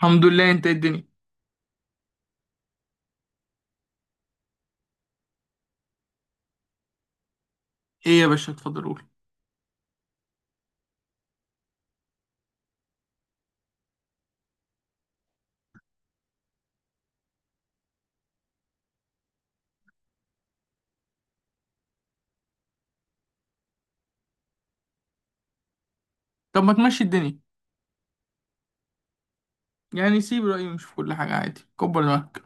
الحمد لله، انت ايه الدنيا؟ ايه يا باشا، اتفضل قول. طب ما تمشي الدنيا. يعني سيب رأيه، مش في كل حاجة، عادي كبر دماغك.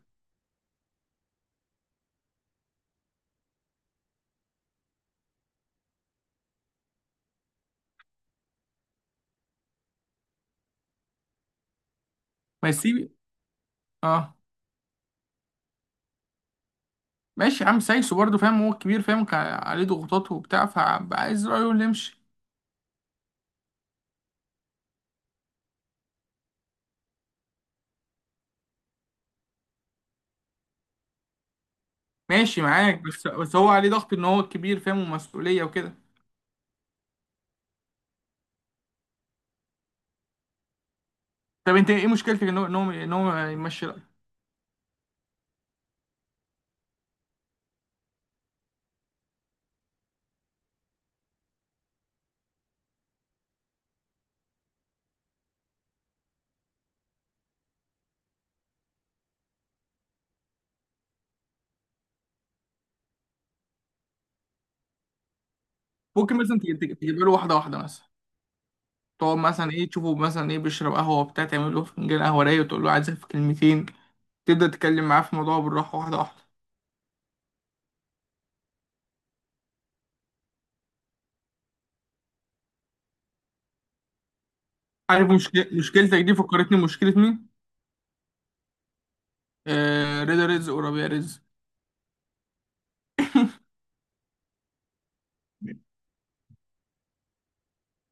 ما سيب. اه. ماشي يا عم سايسه برضه، فاهم هو الكبير فاهم، كان عليه ضغوطات وبتاع، فعايز رأيه اللي يمشي. ماشي معاك، بس هو عليه ضغط ان هو الكبير فاهم ومسؤولية وكده. طب انت ايه مشكلتك ان هو يمشي رأيه؟ ممكن مثلا تجيب له واحدة واحدة مثلا. تقعد مثلا ايه، تشوفه مثلا ايه بيشرب قهوة وبتاع، تعمل له فنجان قهوة رايق وتقول له عايزك في كلمتين. تبدأ تتكلم معاه في الموضوع بالراحة، واحدة واحدة. عارف مشكلتك دي فكرتني مشكلة مين؟ آه، رضا رزق وربيع رزق.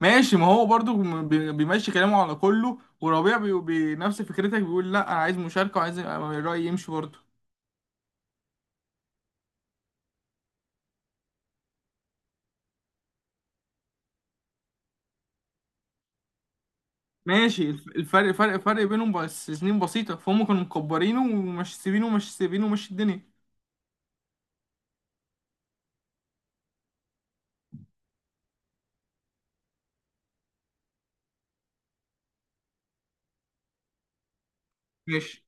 ماشي، ما هو برضو بيمشي كلامه على كله، وربيع بنفس فكرتك بيقول لا انا عايز مشاركة وعايز رأيي يمشي برضو. ماشي، الف- الفرق فرق فرق بينهم بس سنين بسيطة، فهم كانوا مكبرينه ومش سيبينه، ومشي الدنيا. ماشي.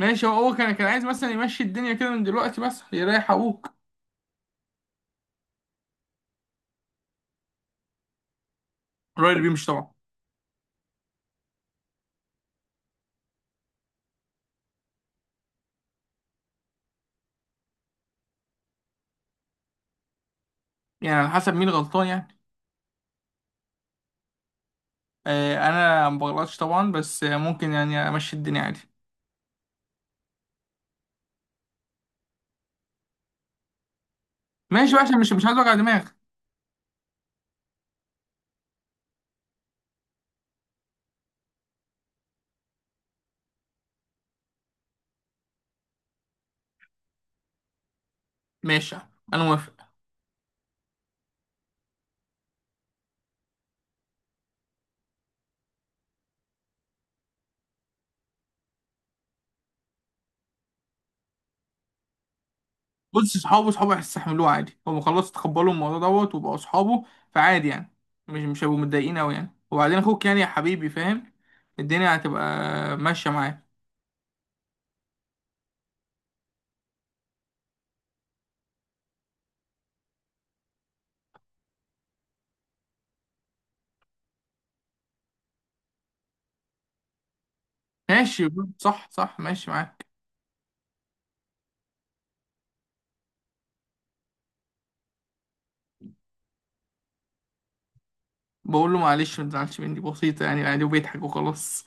ماشي، هو كان عايز مثلا يمشي الدنيا كده من دلوقتي بس يريح ابوك. الراجل اللي بيمشي طبعا. يعني على حسب مين غلطان يعني. آه، انا ما بغلطش طبعا، بس ممكن يعني امشي الدنيا عادي. ماشي بقى عشان مش عايز اوجع دماغ. ماشي، انا موافق. بص، صحابه صحابه هيستحملوه عادي، هم خلاص تقبلوا الموضوع دوت وبقوا صحابه، فعادي يعني. مش هيبقوا متضايقين قوي يعني، وبعدين اخوك يعني يا حبيبي فاهم، الدنيا هتبقى ماشيه معاه. ماشي. صح صح، ماشي معاك. بقول له معلش ما تزعلش مني، بسيطه يعني عادي، وبيضحك وخلاص.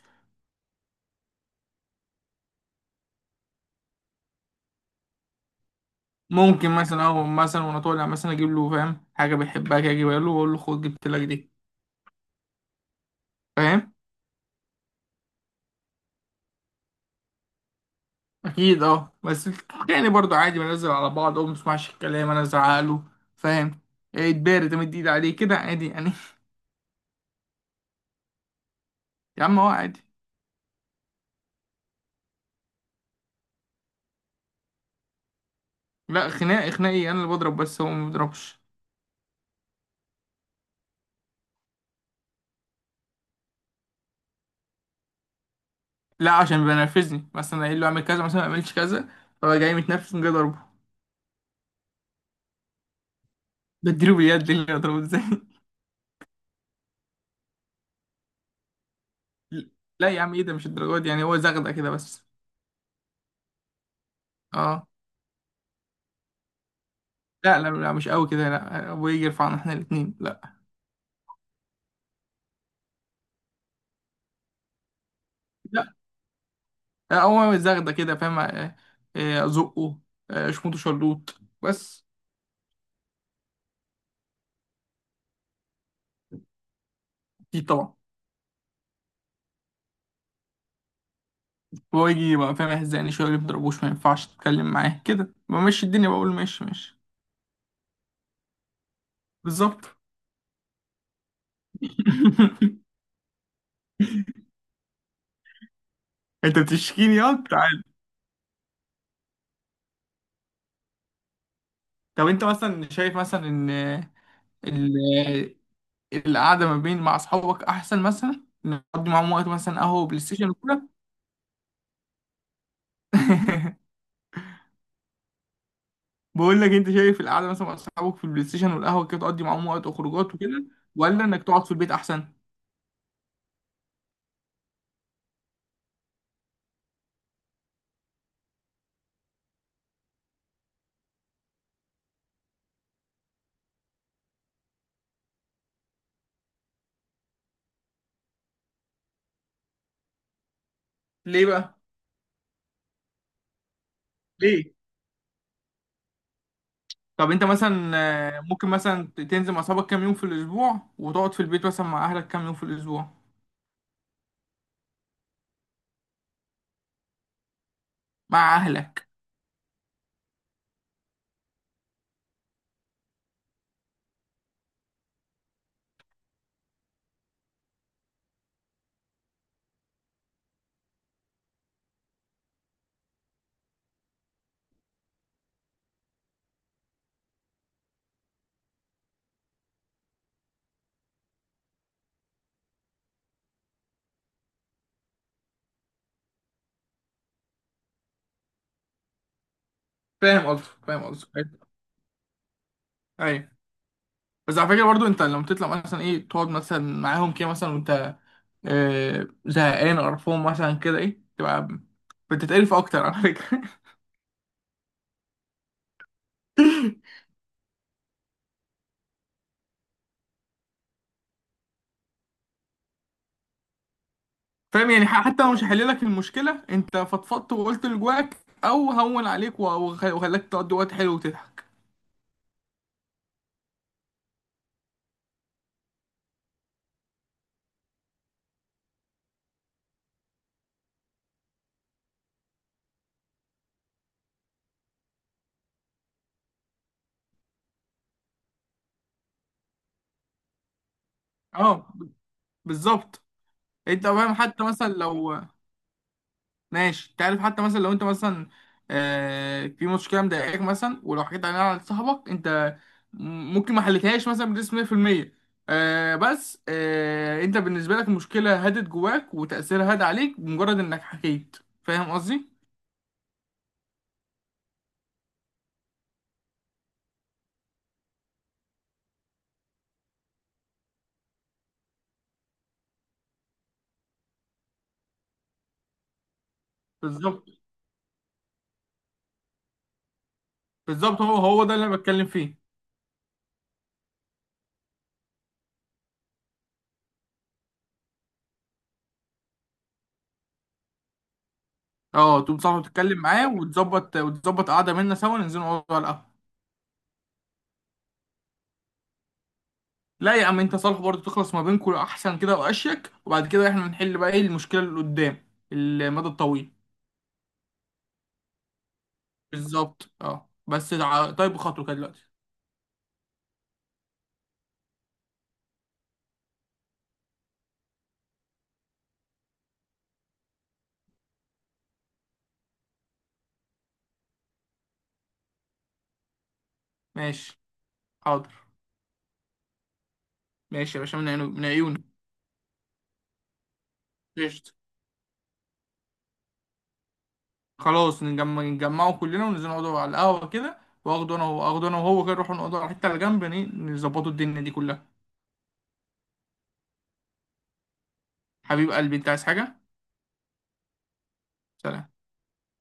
ممكن مثلا، او مثلا وانا طالع مثلا اجيب له، فاهم، حاجه بيحبها كده اجيبها له واقول له خد، جبت لك دي. فاهم. اكيد اه، بس يعني برضو عادي بنزل على بعض، اه ما بسمعش الكلام انا ازعقله، فاهم، اتبارد، تمد ايد عليه كده عادي يعني. يا عم هو عادي. لا، خناق، خناقي انا اللي بضرب بس هو ما بيضربش. لا عشان بينرفزني، مثلا اقول له اعمل كذا مثلا ما اعملش كذا، فهو جاي متنرفز من اضربه. بديله باليد، إيه اللي اضربه ازاي؟ لا يا عم ايه ده، مش الدرجات دي يعني، هو زغده كده بس. اه. لا، مش قوي كده، لا ابويا يجي يرفعنا احنا الاثنين، لا. هو الزغده كده فاهم، ازقه، اشمطه، شلوط بس. دي طبعا. هو يجي بقى فاهم يهزقني شويه، ما يضربوش، ما ينفعش تتكلم معاه كده، بمشي الدنيا، بقول ماشي ماشي. بالظبط. انت بتشكيني، اه تعال. طب انت مثلا شايف مثلا ان ال- القعده ما بين مع اصحابك احسن، مثلا نقضي معاهم وقت مثلا قهوه وبلاي ستيشن وكده. بقول لك، انت شايف القعده مثلا مع اصحابك في البلاي ستيشن والقهوه كده، تقضي معاهم وقت وخروجات وكده، ولا انك تقعد في البيت احسن؟ ليه بقى؟ ليه؟ طب انت مثلا ممكن مثلا تنزل مع اصحابك كام يوم في الاسبوع، وتقعد في البيت مثلا مع اهلك كام يوم في الاسبوع. مع اهلك. فاهم قصدك، فاهم قصدك، ايوه. أيوة. بس على فكره برضو، انت لما تطلع مثلا ايه تقعد مثلا معاهم كده مثلا، وانت زهقان قرفان مثلا كده، ايه تبقى بتتقرف اكتر على فكره. فاهم يعني، حتى لو مش هحل لك المشكله، انت فضفضت وقلت اللي جواك، او هون عليك وخلاك تقضي وقت حلو وتضحك. اه بالظبط. انت فاهم، حتى مثلا لو، ماشي، انت عارف حتى مثلا لو انت مثلا آه في مشكله مضايقاك مثلا، ولو حكيت عليها لصاحبك انت، ممكن ما حلتهاش مثلا بنسبه 100%، آه بس آه انت بالنسبه لك المشكله هدت جواك وتاثيرها هاد عليك بمجرد انك حكيت. فاهم قصدي. بالظبط. بالظبط، هو ده اللي انا بتكلم فيه. اه تقوم صاحبك تتكلم معاه وتظبط، وتظبط قعده منا سوا ننزل نقعد على القهوه. لا يا عم انت صالح برضه، تخلص ما بينكم احسن كده واشيك، وبعد كده احنا نحل بقى ايه المشكله اللي قدام، المدى الطويل. بالظبط اه، بس طيب خاطره كده دلوقتي. ماشي. حاضر. ماشي يا باشا، من عيونه، من عيوني. قشطة. خلاص نجمع، نجمعه كلنا وننزل نقعدوا على القهوه كده، اخده انا وهو كده، نروح نقعدوا على حته على جنب، نظبطوا الدنيا دي كلها. حبيب قلبي، انت عايز حاجه؟ سلام.